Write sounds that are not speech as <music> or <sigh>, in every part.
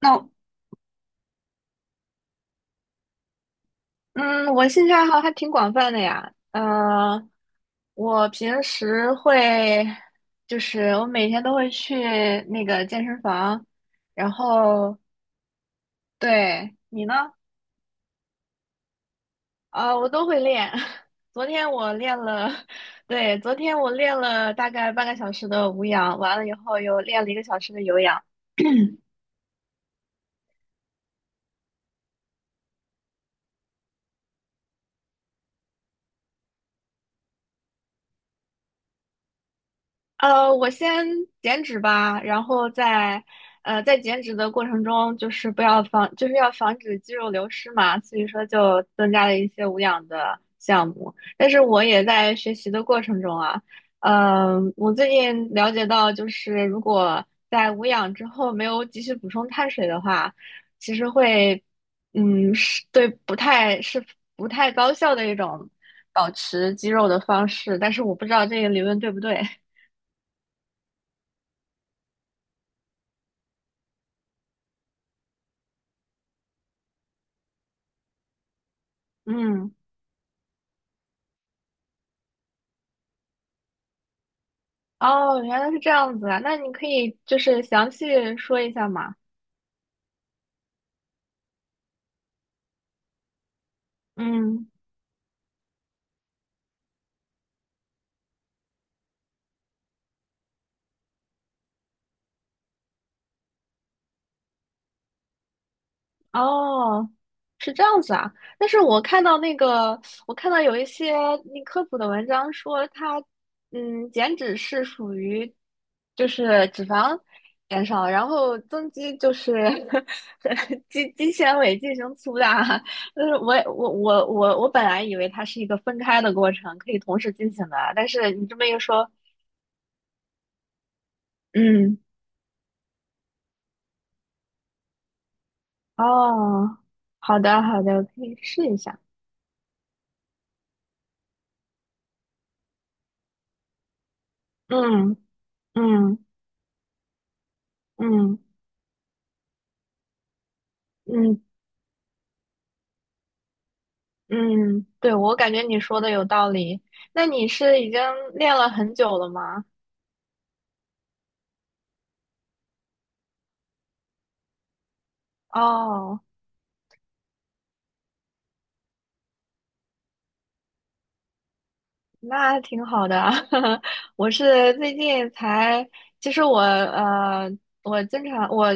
那嗯，我兴趣爱好还挺广泛的呀。嗯，我平时会，就是我每天都会去那个健身房，然后对你呢？啊，我都会练。<laughs> 昨天我练了，<laughs> 对，昨天我练了大概半个小时的无氧，完了以后又练了1个小时的有氧。我先减脂吧，然后在减脂的过程中，就是不要防，就是要防止肌肉流失嘛，所以说就增加了一些无氧的项目。但是我也在学习的过程中啊，我最近了解到，就是如果在无氧之后没有及时补充碳水的话，其实会嗯是对不太是不太高效的一种保持肌肉的方式，但是我不知道这个理论对不对。嗯，哦，原来是这样子啊，那你可以就是详细说一下嘛。嗯，哦，是这样子啊。但是我看到有一些那科普的文章说它，减脂是属于就是脂肪减少，然后增肌就是 <laughs> 肌纤维进行粗大啊。就是我本来以为它是一个分开的过程，可以同时进行的啊，但是你这么一说，嗯。哦，好的好的，可以试一下。嗯嗯嗯嗯嗯，对，我感觉你说的有道理。那你是已经练了很久了吗？哦，那挺好的啊。<laughs> 我是最近才，其实我经常我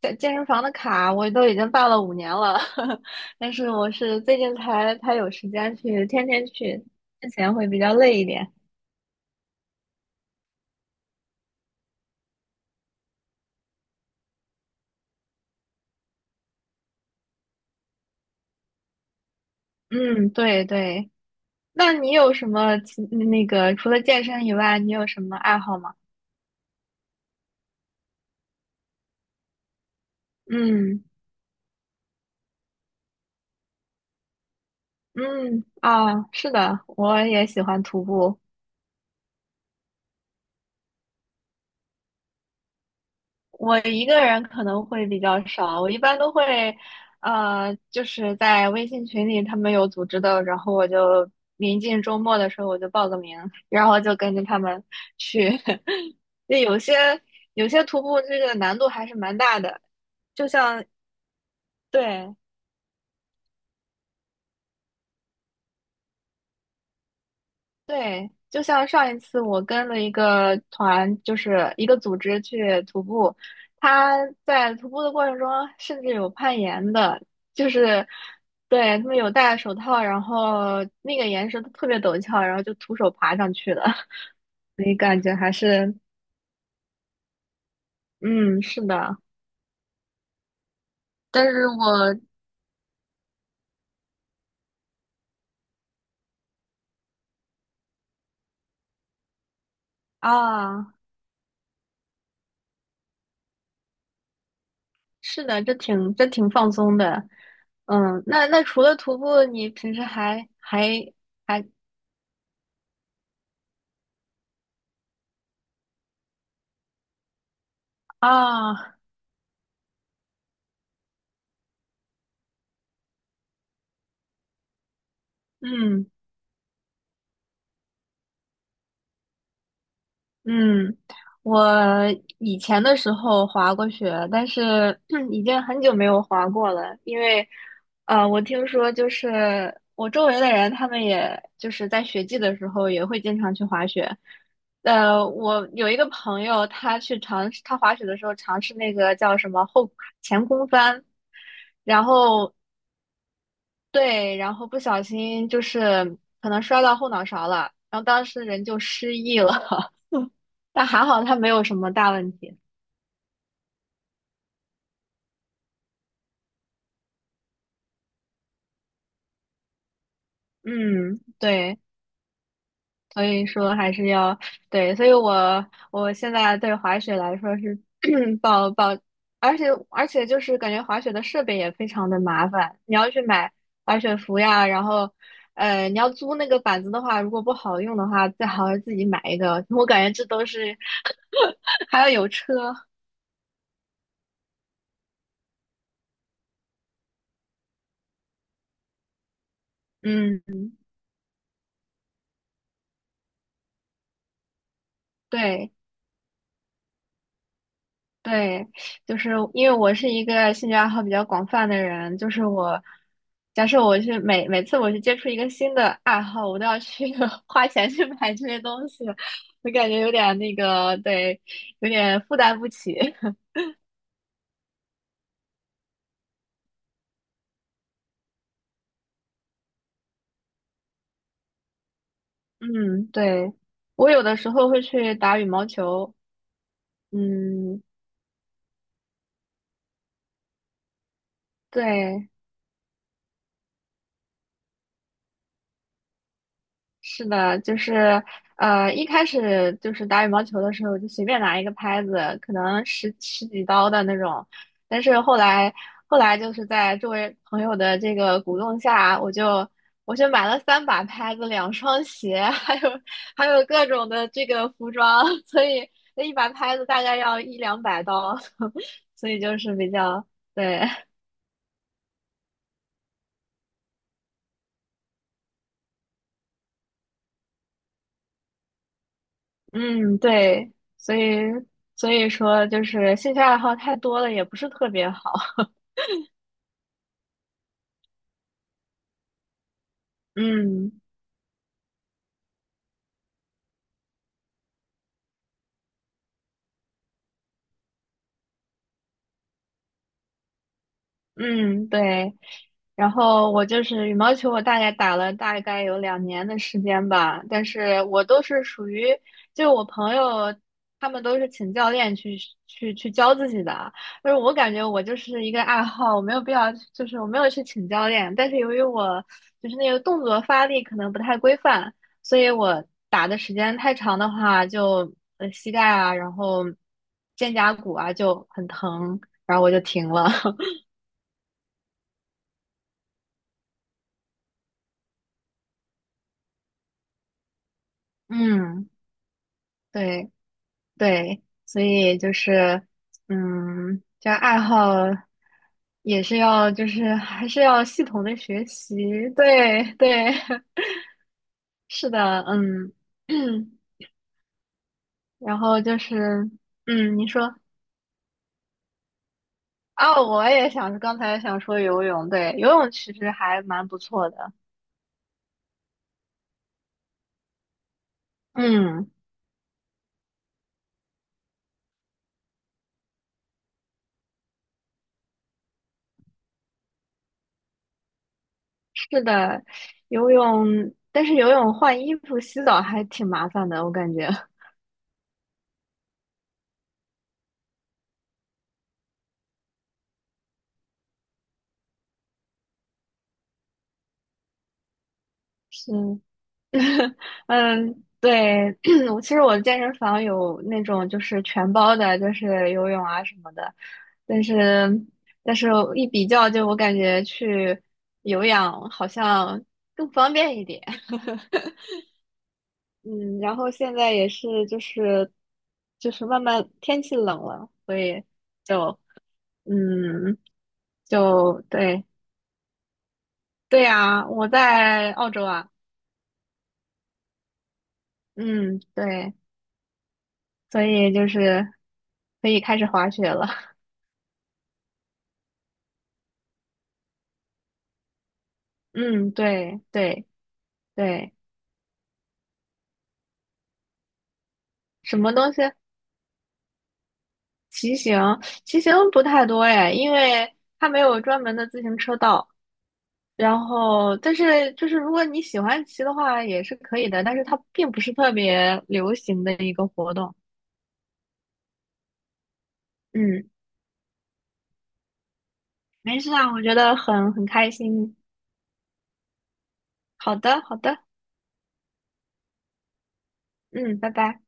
在健身房的卡我都已经办了5年了，<laughs> 但是我是最近才有时间去，天天去，之前会比较累一点。嗯，对对，那你有什么其那个除了健身以外，你有什么爱好吗？嗯嗯啊，是的，我也喜欢徒步。我一个人可能会比较少，我一般都会，就是在微信群里他们有组织的，然后我就临近周末的时候我就报个名，然后就跟着他们去。<laughs> 对，有些徒步这个难度还是蛮大的，就像对对，就像上一次我跟了一个团，就是一个组织去徒步，他在徒步的过程中甚至有攀岩的，就是对他们有戴手套，然后那个岩石都特别陡峭，然后就徒手爬上去的，<laughs> 所以感觉还是嗯是的，但是我啊是的，这挺放松的，嗯，那除了徒步，你平时还啊嗯。嗯，我以前的时候滑过雪，但是 <clears throat> 已经很久没有滑过了，因为，我听说就是我周围的人，他们也就是在雪季的时候也会经常去滑雪。我有一个朋友，他去尝试，他滑雪的时候尝试那个叫什么前空翻，然后对，然后不小心就是可能摔到后脑勺了，然后当时人就失忆了。但还好它没有什么大问题。嗯，对，所以说还是要对，所以我现在对滑雪来说是 <clears throat> 抱抱 <coughs>，而且就是感觉滑雪的设备也非常的麻烦，你要去买滑雪服呀，然后你要租那个板子的话，如果不好用的话，最好是自己买一个。我感觉这都是 <laughs> 还要有车，嗯，对。对，就是因为我是一个兴趣爱好比较广泛的人，就是我，假设我是每次我去接触一个新的爱好，我都要去 <laughs> 花钱去买这些东西，我感觉有点那个，对，有点负担不起。<laughs> 嗯，对，我有的时候会去打羽毛球，嗯，对。是的，就是一开始就是打羽毛球的时候，就随便拿一个拍子，可能十几刀的那种。但是后来就是在周围朋友的这个鼓动下，我就买了三把拍子、两双鞋，<laughs> 还有各种的这个服装，<laughs> 所以那一把拍子大概要一两百刀，<laughs> 所以就是比较对，嗯，对，所以所以说就是兴趣爱好太多了，也不是特别好。嗯，嗯，对。然后我就是羽毛球，我大概打了大概有2年的时间吧，但是我都是属于，就我朋友他们都是请教练去教自己的啊，但是我感觉我就是一个爱好，我没有必要，就是我没有去请教练，但是由于我就是那个动作发力可能不太规范，所以我打的时间太长的话，就膝盖啊，然后肩胛骨啊就很疼，然后我就停了。<laughs> 嗯，对对，所以就是，嗯，这爱好也是要，就是还是要系统的学习，对对，<laughs> 是的，嗯，<clears throat> 然后就是，嗯，你说啊，我也想，刚才想说游泳，对，游泳其实还蛮不错的，嗯，是的，游泳，但是游泳换衣服、洗澡还挺麻烦的，我感觉 <laughs> 是，<laughs> 嗯，对，<clears throat> 其实我的健身房有那种就是全包的，就是游泳啊什么的，但是但是一比较，就我感觉去有氧好像更方便一点。<laughs> 嗯，然后现在也是就是慢慢天气冷了，所以就嗯对对呀，我在澳洲啊，嗯对，所以就是可以开始滑雪了。嗯，对对对，什么东西？骑行，骑行不太多哎，因为它没有专门的自行车道。然后，但是就是如果你喜欢骑的话，也是可以的，但是它并不是特别流行的一个活动。嗯，没事啊，我觉得很开心。好的，好的，嗯，拜拜。